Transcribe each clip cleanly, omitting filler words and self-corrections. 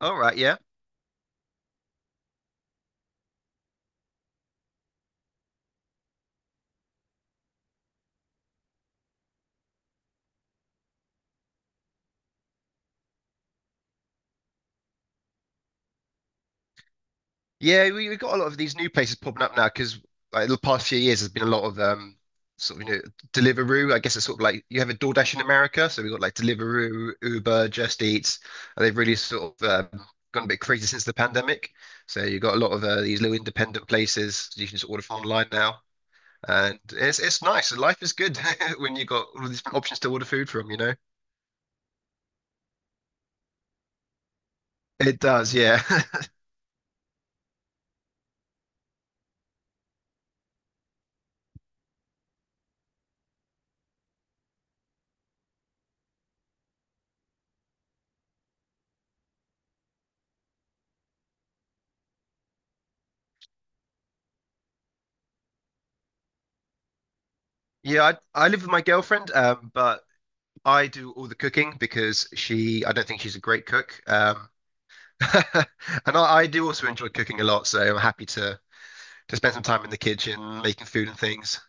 All right, yeah. Yeah, we've got a lot of these new places popping up now because like, the past few years there's been a lot of sort of Deliveroo. I guess it's sort of like you have a DoorDash in America, so we've got like Deliveroo, Uber, Just Eat, and they've really sort of gone a bit crazy since the pandemic. So you've got a lot of these little independent places you can just order from online now, and it's nice. Life is good when you've got all these options to order food from. It does, yeah. Yeah, I live with my girlfriend, but I do all the cooking because she, I don't think she's a great cook. And I do also enjoy cooking a lot, so I'm happy to spend some time in the kitchen making food and things.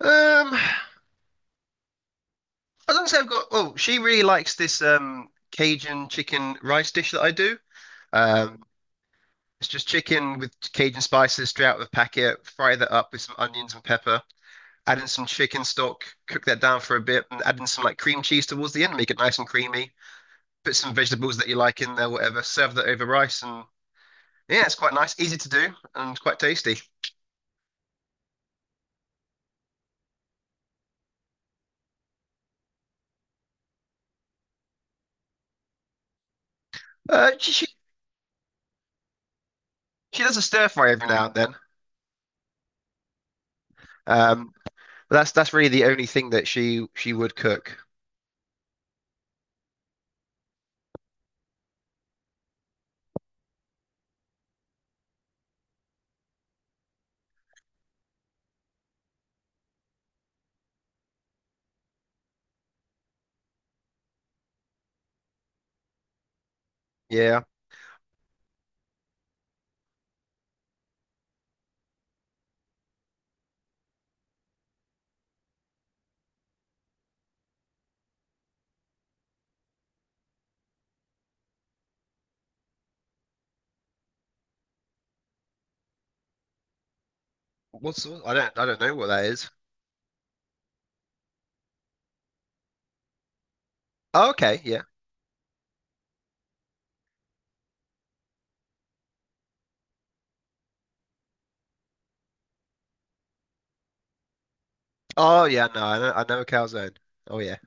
I don't say I've got. Oh, she really likes this Cajun chicken rice dish that I do. Um, it's just chicken with Cajun spices straight out of the packet. Fry that up with some onions and pepper. Add in some chicken stock. Cook that down for a bit, and add in some like cream cheese towards the end. Make it nice and creamy. Put some vegetables that you like in there, whatever. Serve that over rice, and yeah, it's quite nice, easy to do, and quite tasty. Uh, she she, she does a stir fry every now and then. Um, but that's really the only thing that she would cook. Yeah. What's I don't know what that is. Oh, okay, yeah. Oh yeah, no, I know a calzone. Oh yeah,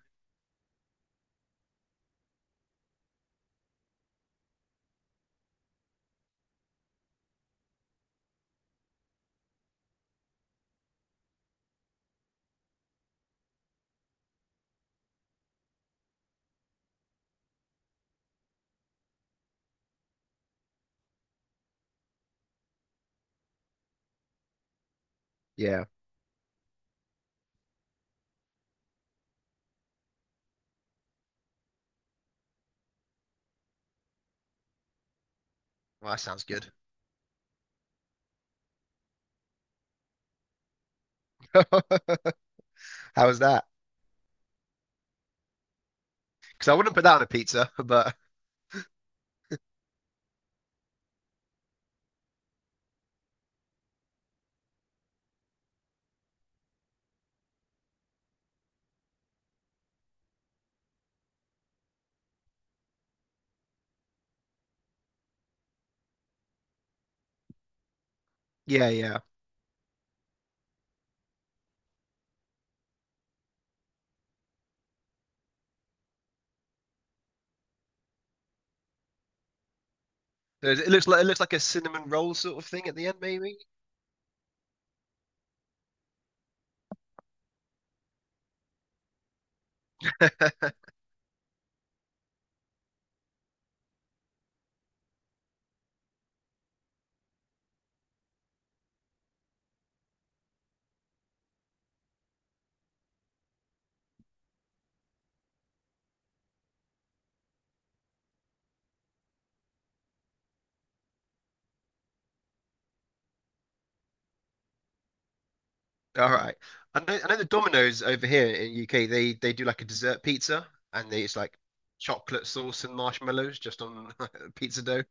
yeah. Well, that sounds good. How was that? Because I wouldn't put that on a pizza, but yeah, yeah. It looks like it looks like a cinnamon roll sort of thing at the end, maybe. All right. I know the Domino's over here in UK, they do like a dessert pizza and they it's like chocolate sauce and marshmallows just on pizza dough.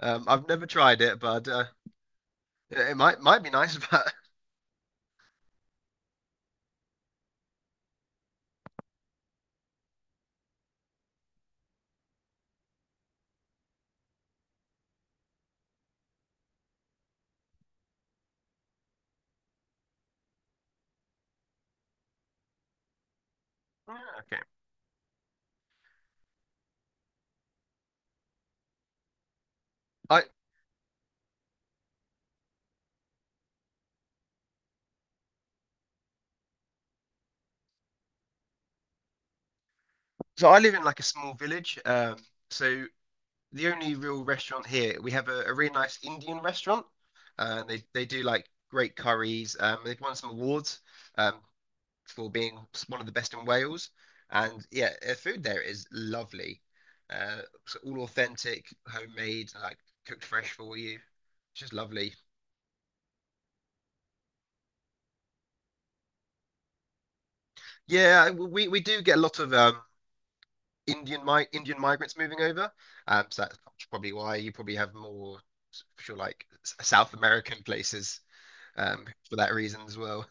I've never tried it, but it might be nice, but yeah, okay. I so I live in like a small village. So the only real restaurant here, we have a really nice Indian restaurant. They do like great curries. They've won some awards. Um, for being one of the best in Wales. And yeah, the food there is lovely. So all authentic, homemade, like cooked fresh for you. It's just lovely. Yeah, we do get a lot of Indian migrants moving over. So that's probably why you probably have more sure like South American places for that reason as well.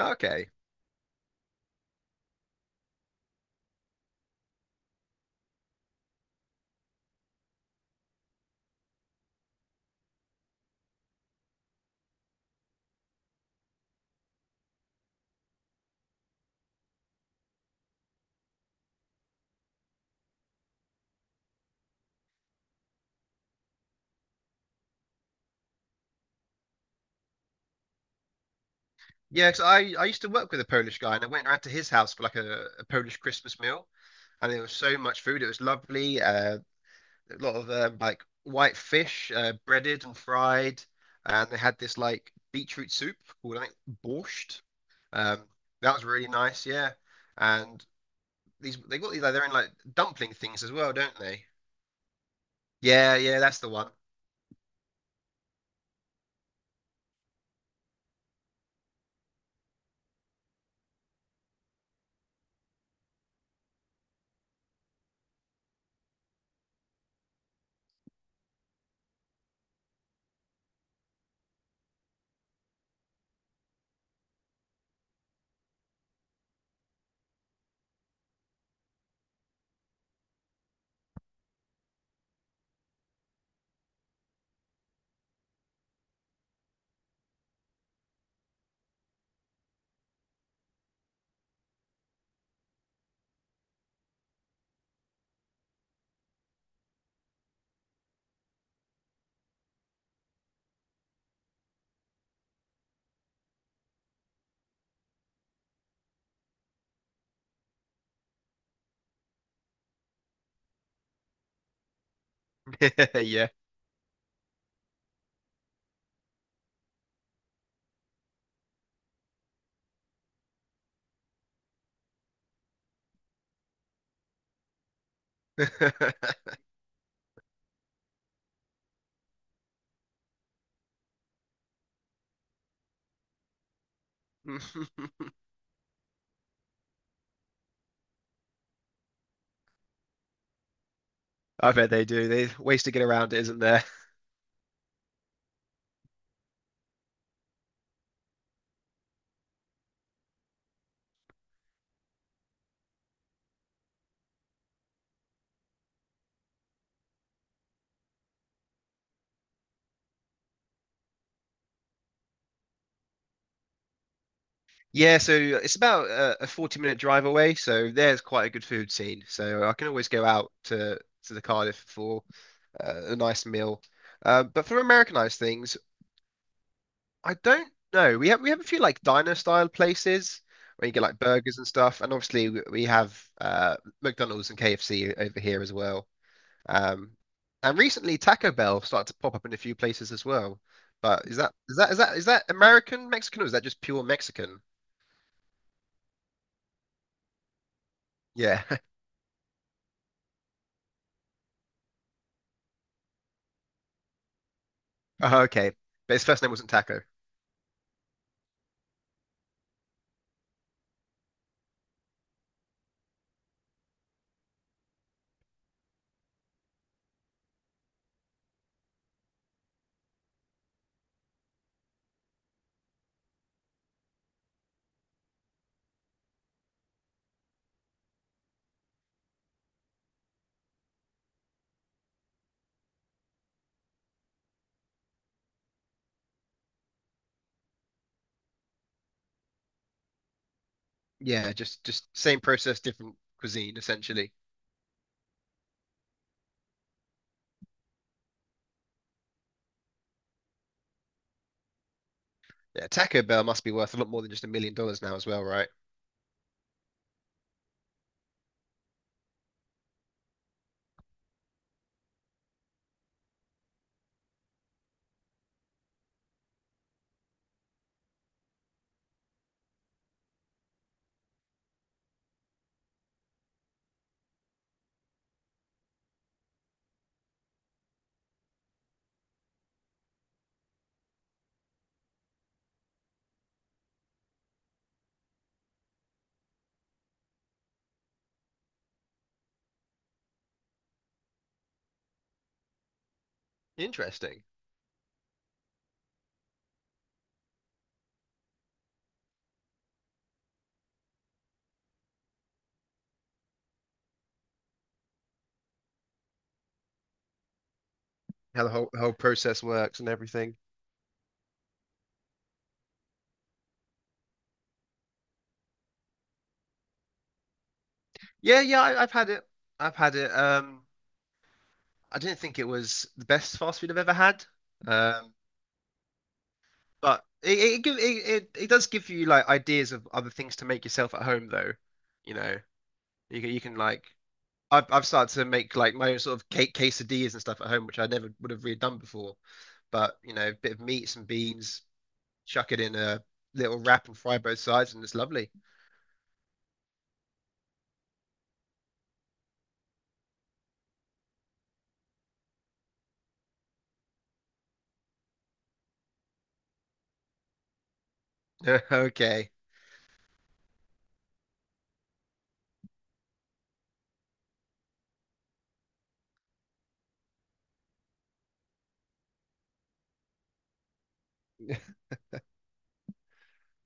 Okay. Yeah, because I used to work with a Polish guy and I went around to his house for like a Polish Christmas meal and there was so much food. It was lovely. A lot of like white fish, breaded and fried, and they had this like beetroot soup called I think borscht. Um, that was really nice, yeah. And these they got these like they're in like dumpling things as well, don't they? Yeah, yeah, that's the one. Yeah. I bet they do. There's ways to get around it, isn't there? Yeah, so it's about a 40-minute drive away, so there's quite a good food scene. So I can always go out to the Cardiff for a nice meal. But for Americanized things, I don't know. We have a few like diner style places where you get like burgers and stuff, and obviously we have McDonald's and KFC over here as well. Um, and recently Taco Bell started to pop up in a few places as well. But is that American Mexican or is that just pure Mexican? Yeah. Oh, okay. But his first name wasn't Taco. Yeah, just same process, different cuisine essentially. Yeah, Taco Bell must be worth a lot more than just $1 million now as well, right? Interesting. How the whole process works and everything. Yeah, yeah, I've had it. I've had it. I didn't think it was the best fast food I've ever had. Um, but it does give you like ideas of other things to make yourself at home though. You know, you can like I've started to make like my own sort of cake quesadillas and stuff at home, which I never would have really done before. But you know, a bit of meat, some beans, chuck it in a little wrap and fry both sides, and it's lovely. Okay.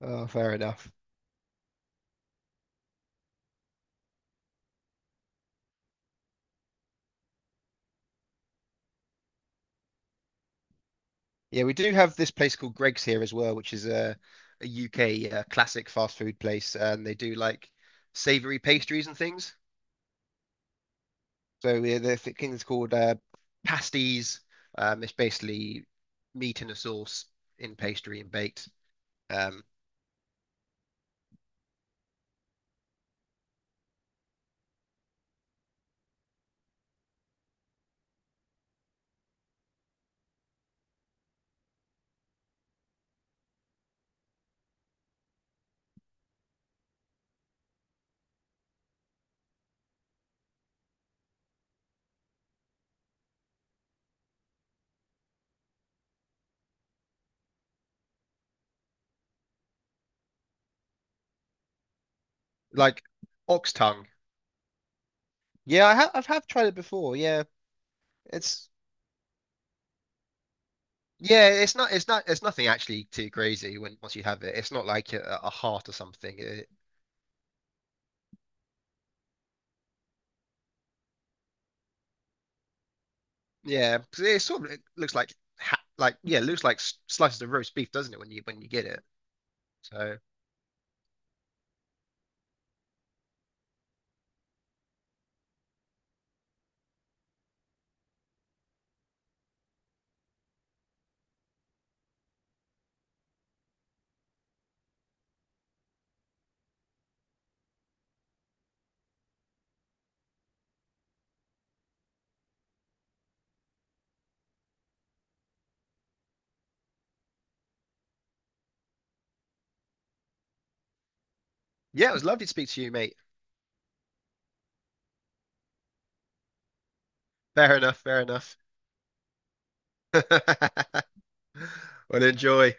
Oh, fair enough. Yeah, we do have this place called Greg's here as well, which is a UK classic fast food place, and they do like savory pastries and things. So yeah, the thing is called pasties. It's basically meat in a sauce in pastry and baked, um, like ox tongue. Yeah, I've have tried it before. Yeah, it's yeah, it's nothing actually too crazy when once you have it. It's not like a heart or something. Yeah, 'cause it sort of it looks like like yeah, it looks like slices of roast beef, doesn't it? When you get it. So yeah, it was lovely to speak to you, mate. Fair enough. Fair enough. Well, enjoy.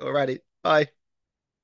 Alrighty. Bye.